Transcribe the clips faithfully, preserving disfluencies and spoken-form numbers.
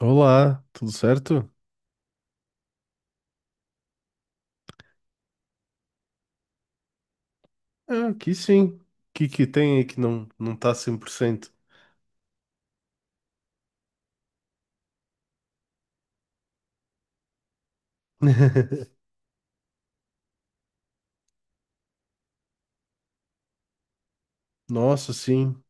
Olá, tudo certo? Ah, aqui sim. O que que tem aí que não, não tá cem por cento? Nossa, sim.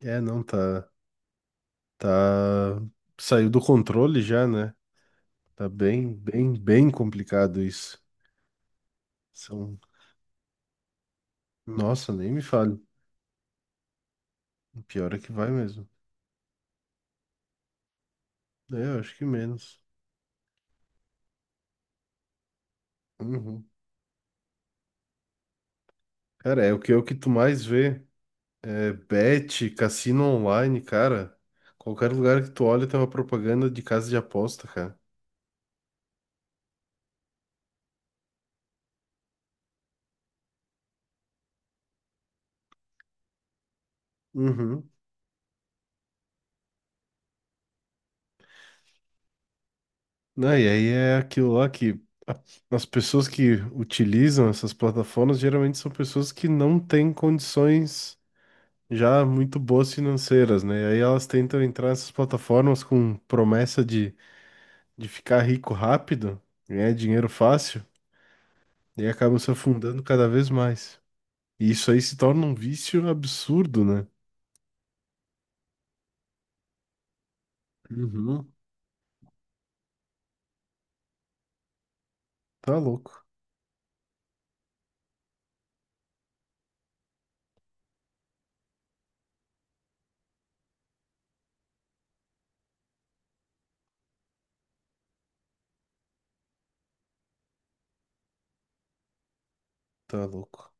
É, não, tá, tá... Saiu do controle já, né? Tá bem, bem, bem complicado isso. São... Nossa, nem me fale. Pior é que vai mesmo. É, eu acho que menos. Uhum. Cara, é o que, é o que tu mais vê. É bet, cassino online, cara. Qualquer lugar que tu olha tem uma propaganda de casa de aposta, cara. Uhum. Não, e aí é aquilo lá que a- as pessoas que utilizam essas plataformas geralmente são pessoas que não têm condições já muito boas financeiras, né? E aí elas tentam entrar nessas plataformas com promessa de, de ficar rico rápido, ganhar dinheiro fácil, e acabam se afundando cada vez mais. E isso aí se torna um vício absurdo, né? Uhum. Tá louco, tá louco.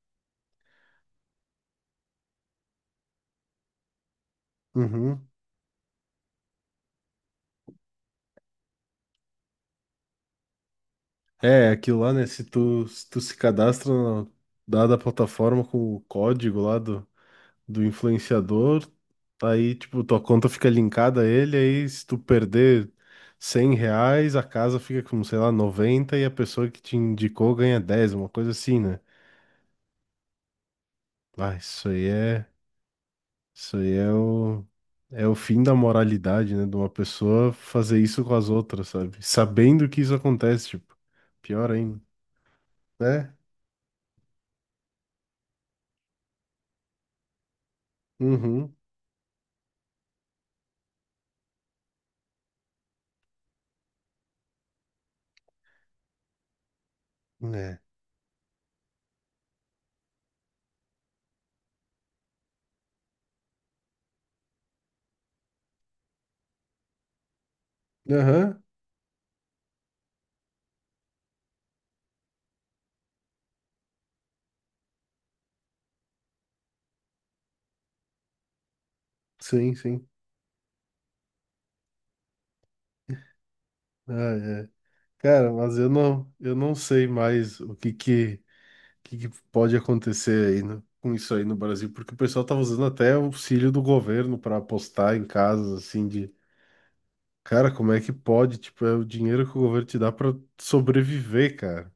Uhum. É, aquilo lá, né? Se tu se, tu se cadastra na dada a plataforma com o código lá do, do influenciador, aí, tipo, tua conta fica linkada a ele, aí se tu perder cem reais, a casa fica com, sei lá, noventa e a pessoa que te indicou ganha dez, uma coisa assim, né? Ah, isso aí é, isso aí é o, é o fim da moralidade, né? De uma pessoa fazer isso com as outras, sabe? Sabendo que isso acontece, tipo, pior ainda, né? Uhum. Né? Aham. Sim, sim. Ah, é. Cara, mas eu não, eu não sei mais o que que, que que pode acontecer aí no- com isso aí no Brasil, porque o pessoal tava usando até o auxílio do governo para apostar em casos assim de, cara, como é que pode? Tipo, é o dinheiro que o governo te dá para sobreviver, cara,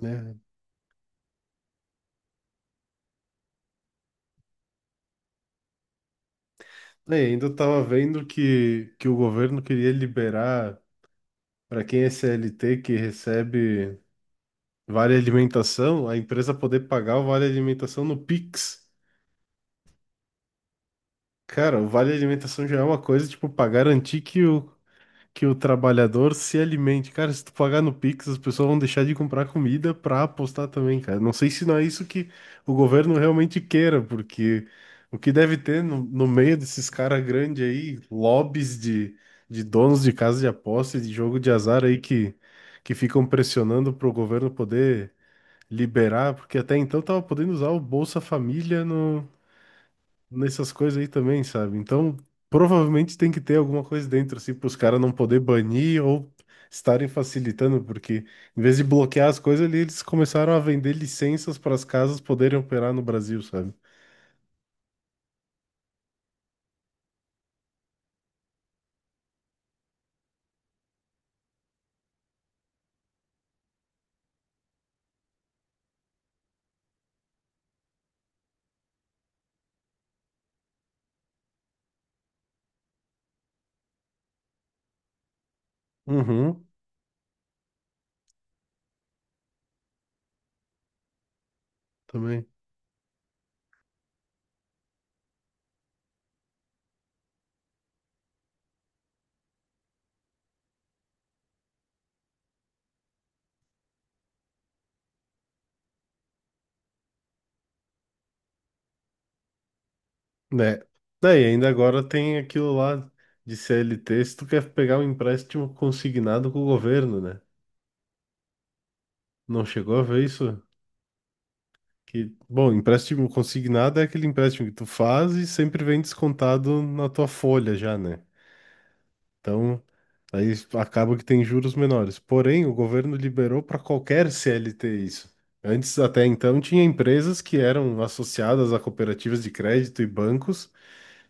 né? E ainda eu tava vendo que que o governo queria liberar para quem é C L T que recebe vale alimentação, a empresa poder pagar o vale alimentação no Pix. Cara, o vale alimentação já é uma coisa, tipo, pra garantir que o, que o trabalhador se alimente. Cara, se tu pagar no Pix, as pessoas vão deixar de comprar comida pra apostar também, cara. Não sei se não é isso que o governo realmente queira, porque o que deve ter no, no meio desses caras grandes aí, lobbies de, de donos de casa de aposta e de jogo de azar aí que, que ficam pressionando pro governo poder liberar, porque até então tava podendo usar o Bolsa Família no nessas coisas aí também, sabe? Então, provavelmente tem que ter alguma coisa dentro, assim, para os caras não poder banir ou estarem facilitando, porque em vez de bloquear as coisas ali, eles começaram a vender licenças para as casas poderem operar no Brasil, sabe? Uhum, também. Né? Daí ainda agora tem aquilo lá de C L T, se tu quer pegar um empréstimo consignado com o governo, né? Não chegou a ver isso? Que, bom, empréstimo consignado é aquele empréstimo que tu faz e sempre vem descontado na tua folha já, né? Então, aí acaba que tem juros menores. Porém, o governo liberou para qualquer C L T isso. Antes, até então, tinha empresas que eram associadas a cooperativas de crédito e bancos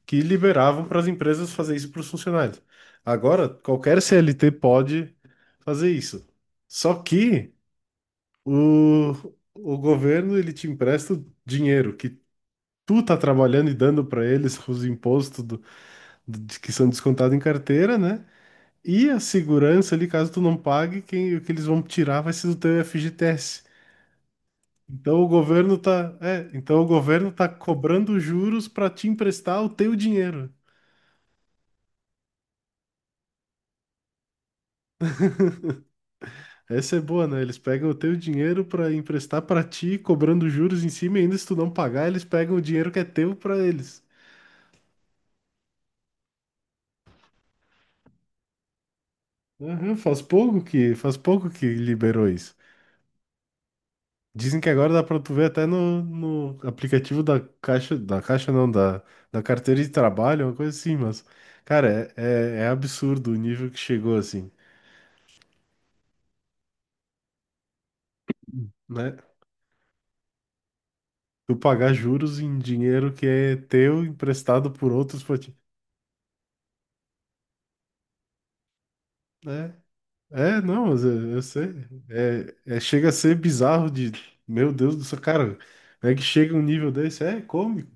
que liberavam para as empresas fazer isso para os funcionários. Agora, qualquer C L T pode fazer isso. Só que o, o governo ele te empresta o dinheiro que tu tá trabalhando e dando para eles os impostos do- do- que são descontados em carteira, né? E a segurança ali, caso tu não pague, quem, o que eles vão tirar vai ser do teu F G T S. Então o governo tá, é, então o governo tá cobrando juros para te emprestar o teu dinheiro. Essa é boa, né? Eles pegam o teu dinheiro para emprestar para ti, cobrando juros em cima, e ainda se tu não pagar, eles pegam o dinheiro que é teu para eles. Aham, faz pouco que, faz pouco que liberou isso. Dizem que agora dá pra tu ver até no, no aplicativo da caixa, da caixa não, da, da carteira de trabalho, uma coisa assim, mas, cara, é, é, é absurdo o nível que chegou assim, né? Tu pagar juros em dinheiro que é teu, emprestado por outros pra ti. É, é, não, mas eu, eu sei. É, é, chega a ser bizarro de, meu Deus do céu, cara, como é que chega um nível desse? É cômico.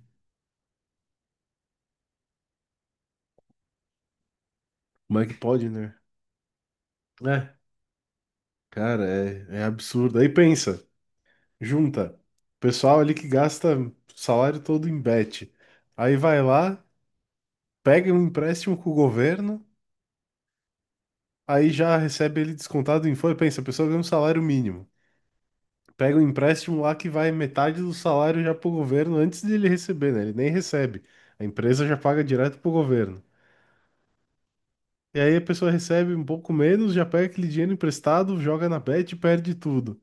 Como é que pode, né? É, cara, é, é absurdo. Aí pensa. Junta o pessoal ali que gasta o salário todo em bet. Aí vai lá, pega um empréstimo com o governo, aí já recebe ele descontado em folha. Pensa, a pessoa ganha um salário mínimo. Pega um empréstimo lá que vai metade do salário já pro governo antes de ele receber, né? Ele nem recebe. A empresa já paga direto pro governo. E aí a pessoa recebe um pouco menos, já pega aquele dinheiro emprestado, joga na bet e perde tudo.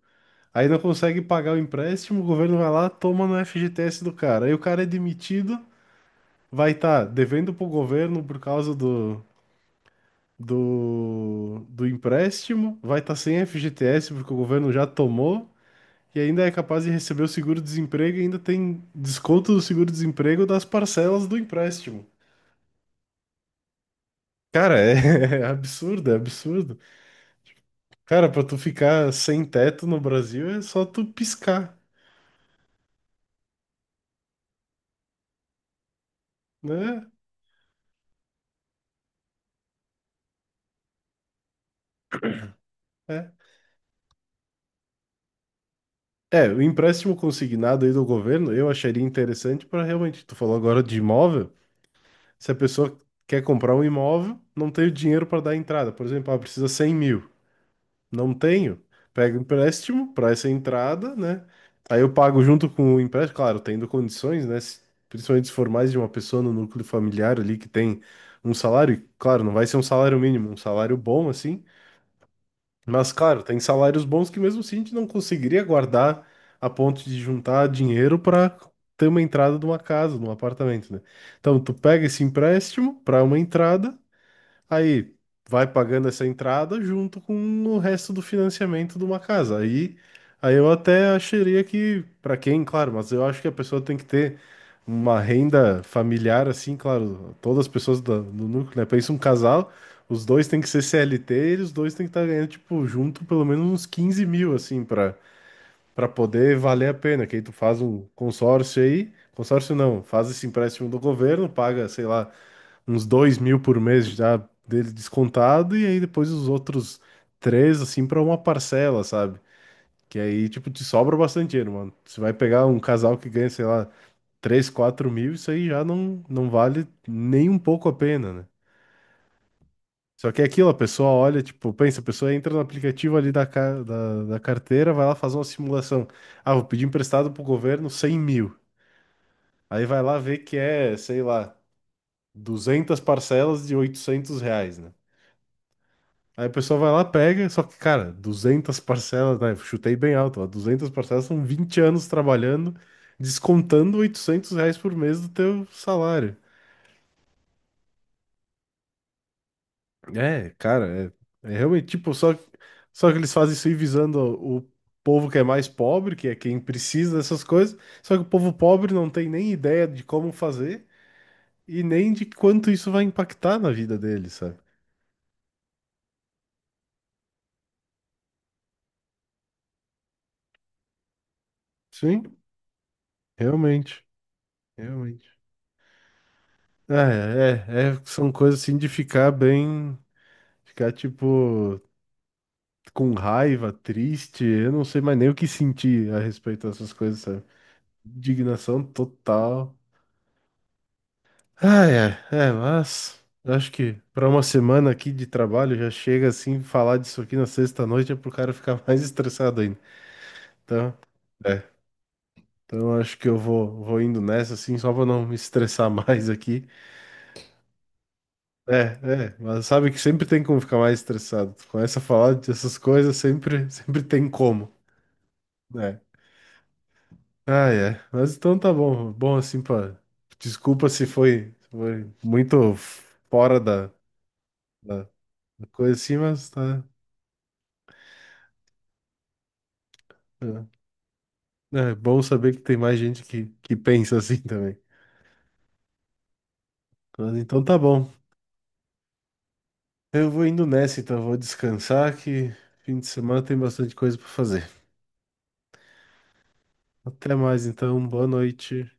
Aí não consegue pagar o empréstimo, o governo vai lá, toma no F G T S do cara. Aí o cara é demitido, vai estar devendo pro governo por causa do, do, do empréstimo, vai estar sem F G T S porque o governo já tomou, e ainda é capaz de receber o seguro-desemprego e ainda tem desconto do seguro-desemprego das parcelas do empréstimo. Cara, é, é absurdo, é absurdo. Cara, para tu ficar sem teto no Brasil é só tu piscar, né? É. É, o empréstimo consignado aí do governo eu acharia interessante para realmente, tu falou agora de imóvel. Se a pessoa quer comprar um imóvel, não tem o dinheiro para dar entrada. Por exemplo, ah, precisa cem mil. Não tenho. Pega empréstimo para essa entrada, né? Aí eu pago junto com o empréstimo, claro, tendo condições, né? Se- Principalmente se for mais de uma pessoa no núcleo familiar ali que tem um salário, e, claro, não vai ser um salário mínimo, um salário bom assim, mas, claro, tem salários bons que mesmo assim a gente não conseguiria guardar a ponto de juntar dinheiro para ter uma entrada de uma casa, de um apartamento, né? Então, tu pega esse empréstimo para uma entrada. Aí vai pagando essa entrada junto com o resto do financiamento de uma casa. Aí, aí eu até acharia que, para quem, claro, mas eu acho que a pessoa tem que ter uma renda familiar, assim, claro, todas as pessoas da- do núcleo, né? Pensa um casal, os dois têm que ser C L T e os dois têm que estar ganhando, tipo, junto pelo menos uns quinze mil, assim, para para poder valer a pena. Que aí tu faz um consórcio aí, consórcio não, faz esse empréstimo do governo, paga, sei lá, uns dois mil por mês já dele descontado, e aí depois os outros três, assim, pra uma parcela, sabe? Que aí, tipo, te sobra bastante dinheiro, mano. Você vai pegar um casal que ganha, sei lá, três, quatro mil, isso aí já não, não vale nem um pouco a pena, né? Só que é aquilo, a pessoa olha, tipo, pensa, a pessoa entra no aplicativo ali da, ca- da, da carteira, vai lá fazer uma simulação. Ah, vou pedir emprestado pro governo cem mil. Aí vai lá ver que é, sei lá, duzentas parcelas de oitocentos reais, né? Aí o pessoal vai lá, pega, só que, cara, duzentas parcelas, né? Chutei bem alto, ó, duzentas parcelas são vinte anos trabalhando, descontando oitocentos reais por mês do teu salário. É, cara, é, é realmente, tipo, só, só que eles fazem isso aí visando o povo que é mais pobre, que é quem precisa dessas coisas, só que o povo pobre não tem nem ideia de como fazer e nem de quanto isso vai impactar na vida deles, sabe? Sim, realmente, realmente. Ah, É, é, é, são coisas assim de ficar bem. Ficar, tipo, com raiva, triste, eu não sei mais nem o que sentir a respeito dessas coisas, sabe? Indignação total. Ai, ai, é, mas eu acho que pra uma semana aqui de trabalho já chega assim, falar disso aqui na sexta-noite é pro cara ficar mais estressado ainda. Então, é. Então eu acho que eu vou, vou indo nessa assim, só pra não me estressar mais aqui. É, é, mas sabe que sempre tem como ficar mais estressado. Tu começa a falar dessas coisas, sempre, sempre tem como. É. Ah, é. Mas então tá bom. Bom assim pra. Desculpa se foi, foi muito fora da, da da coisa assim, mas tá. É, é bom saber que tem mais gente que, que pensa assim também. Mas então tá bom. Eu vou indo nessa, então. Vou descansar que fim de semana tem bastante coisa pra fazer. Até mais, então. Boa noite.